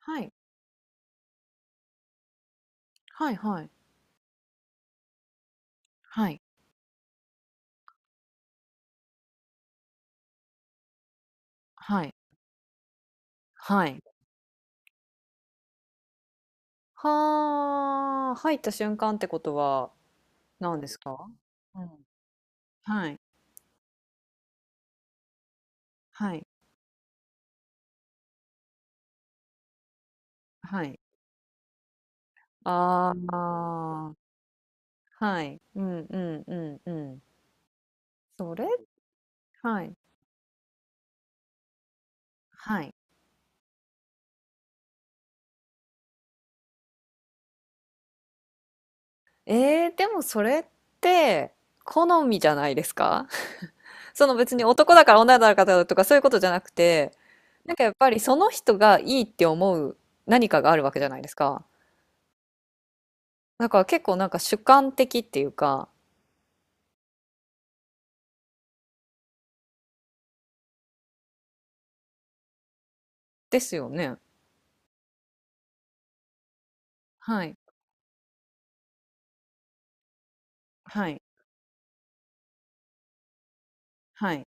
はい。はいはい。はい。はい。はい。はあ、入った瞬間ってことは何ですか？うん。はい。はい。はい。ああ、はい。うんうんうんうん。それはい。はい。ええ、でもそれって、好みじゃないですか？その別に男だから女だからとかそういうことじゃなくて、なんかやっぱりその人がいいって思う何かがあるわけじゃないですか。だから結構なんか主観的っていうか、ですよね。はい。はい。はい。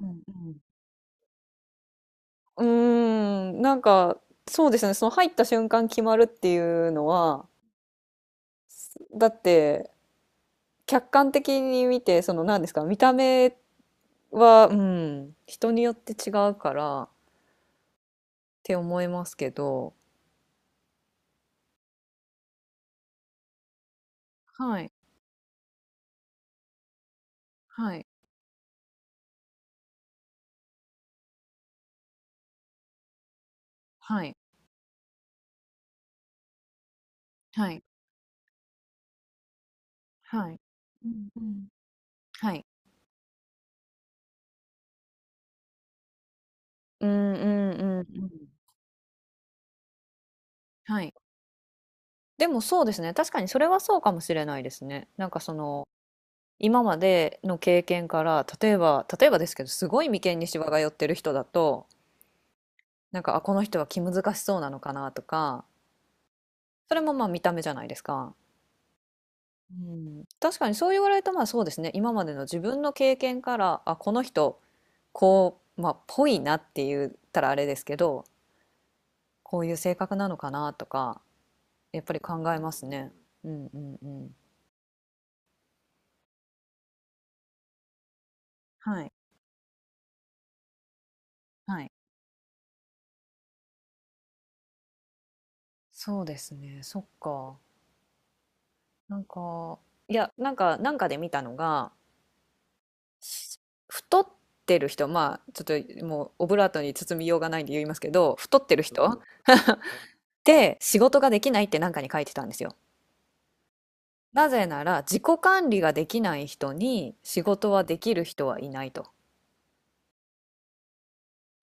うん、うん。うーん、なんか、そうですね。その入った瞬間決まるっていうのは、だって、客観的に見て、その何ですか、見た目は、うん、人によって違うからって思いますけど、はい、はい、はい、はい、はい。うん、うん。はい。うん、うん、うん、うん。はい。でもそうですね。確かにそれはそうかもしれないですね。なんかその、今までの経験から、例えばですけど、すごい眉間にシワが寄ってる人だと、なんか、あ、この人は気難しそうなのかなとか、それもまあ見た目じゃないですか。うん、確かにそう言われるとまあそうですね、今までの自分の経験から、あ、この人、こうまあぽいなって言ったらあれですけど、こういう性格なのかなとか、やっぱり考えますね。うんうんうん。はいはい。そうですね。そっか。なんか、いや、なんかで見たのが、し太ってる人、まあ、ちょっともうオブラートに包みようがないんで言いますけど、太ってる人って仕事ができないってなんかに書いてたんですよ。なぜなら、自己管理ができない人に仕事はできる人はいないと。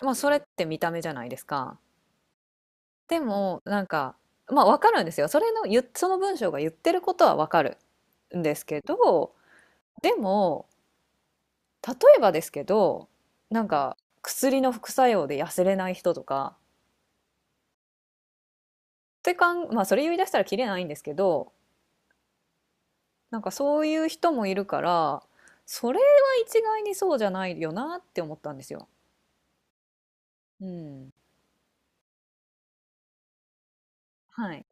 まあ、それって見た目じゃないですか。でも、なんか、まあ、わかるんですよ。その文章が言ってることはわかるんですけど、でも、例えばですけど、なんか薬の副作用で痩せれない人とか、ってかん、まあそれ言い出したらキリないんですけど、なんかそういう人もいるから、それは一概にそうじゃないよなって思ったんですよ。うん。はい。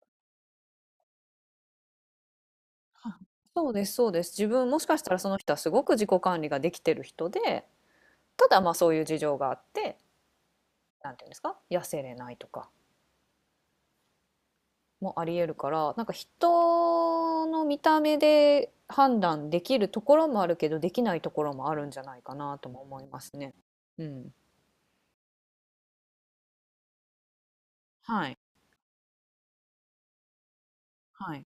あそうです、そうです。自分もしかしたらその人はすごく自己管理ができてる人で、ただまあそういう事情があって、なんていうんですか、痩せれないとか。もありえるからなんか人の見た目で判断できるところもあるけどできないところもあるんじゃないかなとも思いますね。うん、はいはい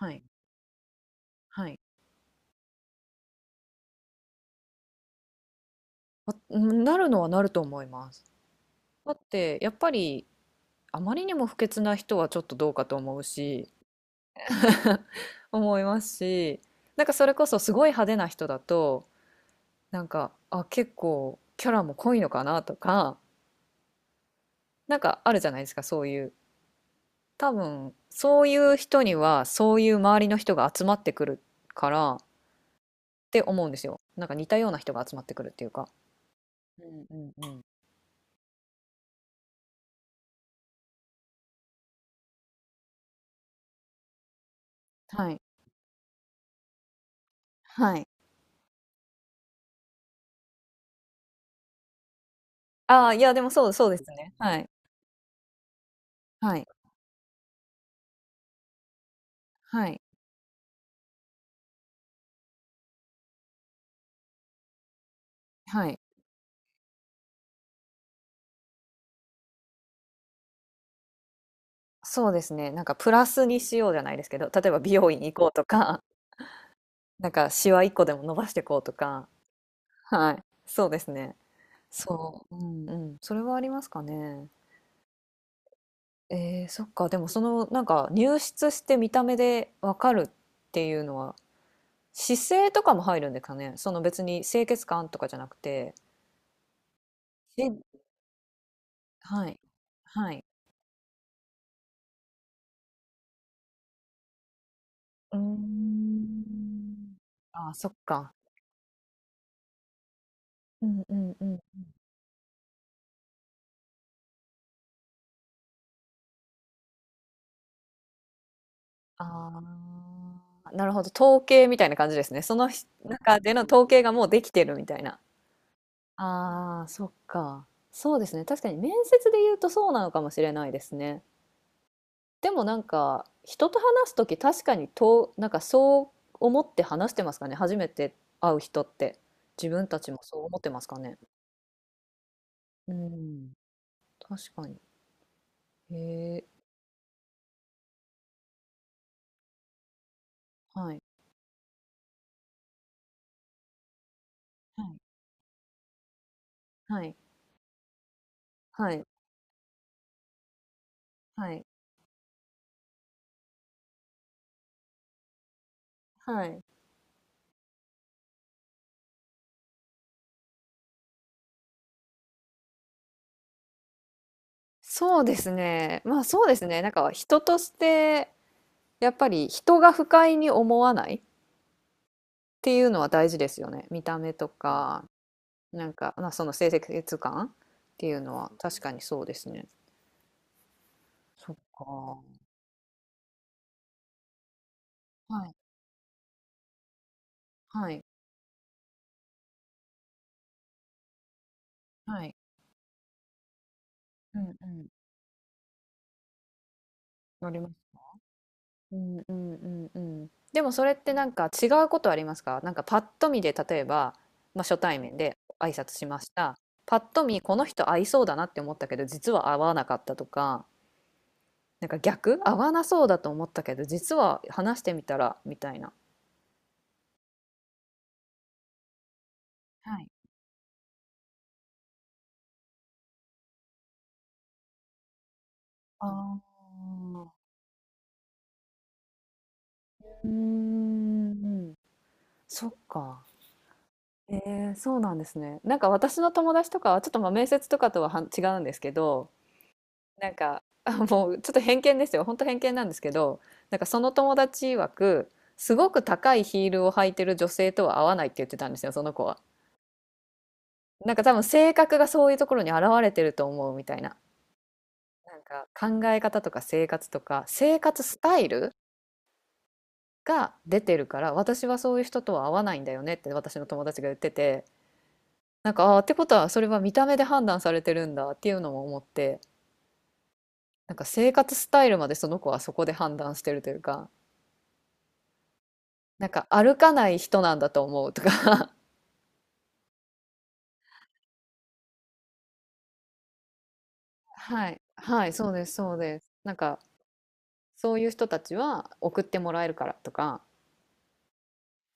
はいはい、わうんなるのはなると思います。だってやっぱりあまりにも不潔な人はちょっとどうかと思うし、思いますし、なんかそれこそすごい派手な人だと、なんか、あ、結構キャラも濃いのかなとか、なんかあるじゃないですかそういう、多分そういう人にはそういう周りの人が集まってくるからって思うんですよ。なんか似たような人が集まってくるっていうか。うんうんうん。はい。はい。ああ、いや、でもそうですね。はい。はい。はい。はい。そうですね。なんかプラスにしようじゃないですけど、例えば美容院行こうとか、なんかシワ一個でも伸ばしていこうとか。はい。そうですね。そう。うんうん。それはありますかね。そっか。でもそのなんか入室して見た目でわかるっていうのは姿勢とかも入るんですかね。その別に清潔感とかじゃなくて。し、はい。はい。うーん。ああ、そっか。うんうんうん。ああ、なるほど。統計みたいな感じですね。その中での統計がもうできてるみたいな。ああ、そっか。そうですね。確かに面接で言うとそうなのかもしれないですね。でもなんか人と話す時確かにと、なんかそう思って話してますかね、初めて会う人って。自分たちもそう思ってますかね。うん、確かに。へえ。はいはいはいはいはい、そうですねまあそうですね、なんか人としてやっぱり人が不快に思わないっていうのは大事ですよね、見た目とかなんか、まあ、その清潔感っていうのは確かにそうですね。そっか。はいはい。はい。うんうん。なります。うんうんうんうん。でもそれってなんか違うことありますか、なんかパッと見で、例えば、まあ、初対面で挨拶しました。パッと見この人合いそうだなって思ったけど実は合わなかったとか、なんか逆合わなそうだと思ったけど実は話してみたらみたいな。はい。ああ。うーん、そっか。えそうなんですね。なんか私の友達とかはちょっとまあ面接とかとは違うんですけど、なんか、あ、もうちょっと偏見ですよ。本当偏見なんですけど、なんかその友達曰く、すごく高いヒールを履いてる女性とは合わないって言ってたんですよ、その子は。なんか多分性格がそういうところに表れてると思うみたいな。なんか考え方とか生活とか、生活スタイルが出てるから、私はそういう人とは合わないんだよねって私の友達が言ってて、なんか、あー、ってことはそれは見た目で判断されてるんだっていうのも思って、なんか生活スタイルまでその子はそこで判断してるというか、なんか歩かない人なんだと思うとか。 はい、はい、そうです、そうです。なんかそういう人たちは送ってもらえるからとか、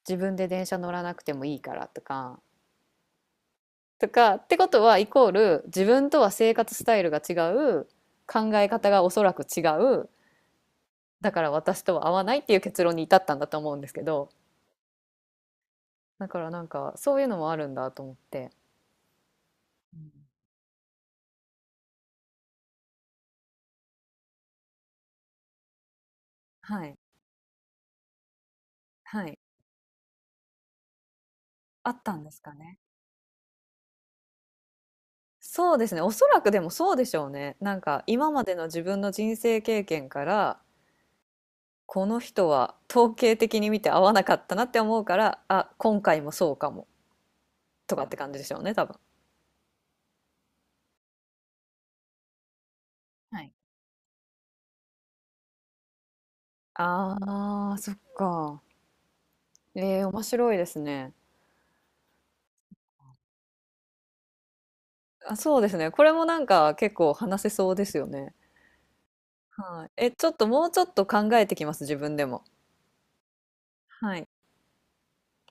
自分で電車乗らなくてもいいからとか、とかってことはイコール自分とは生活スタイルが違う、考え方がおそらく違う、だから私とは合わないっていう結論に至ったんだと思うんですけど、だからなんかそういうのもあるんだと思って、うん、はい、はい、あったんですかね。そうですね。おそらくでもそうでしょうね。なんか今までの自分の人生経験から、この人は統計的に見て合わなかったなって思うから、今回もそうかもとかって感じでしょうね、多分。はい。ああ、そっか。面白いですね。そうですね。これもなんか結構話せそうですよね。はい。ちょっともうちょっと考えてきます、自分でも。はい。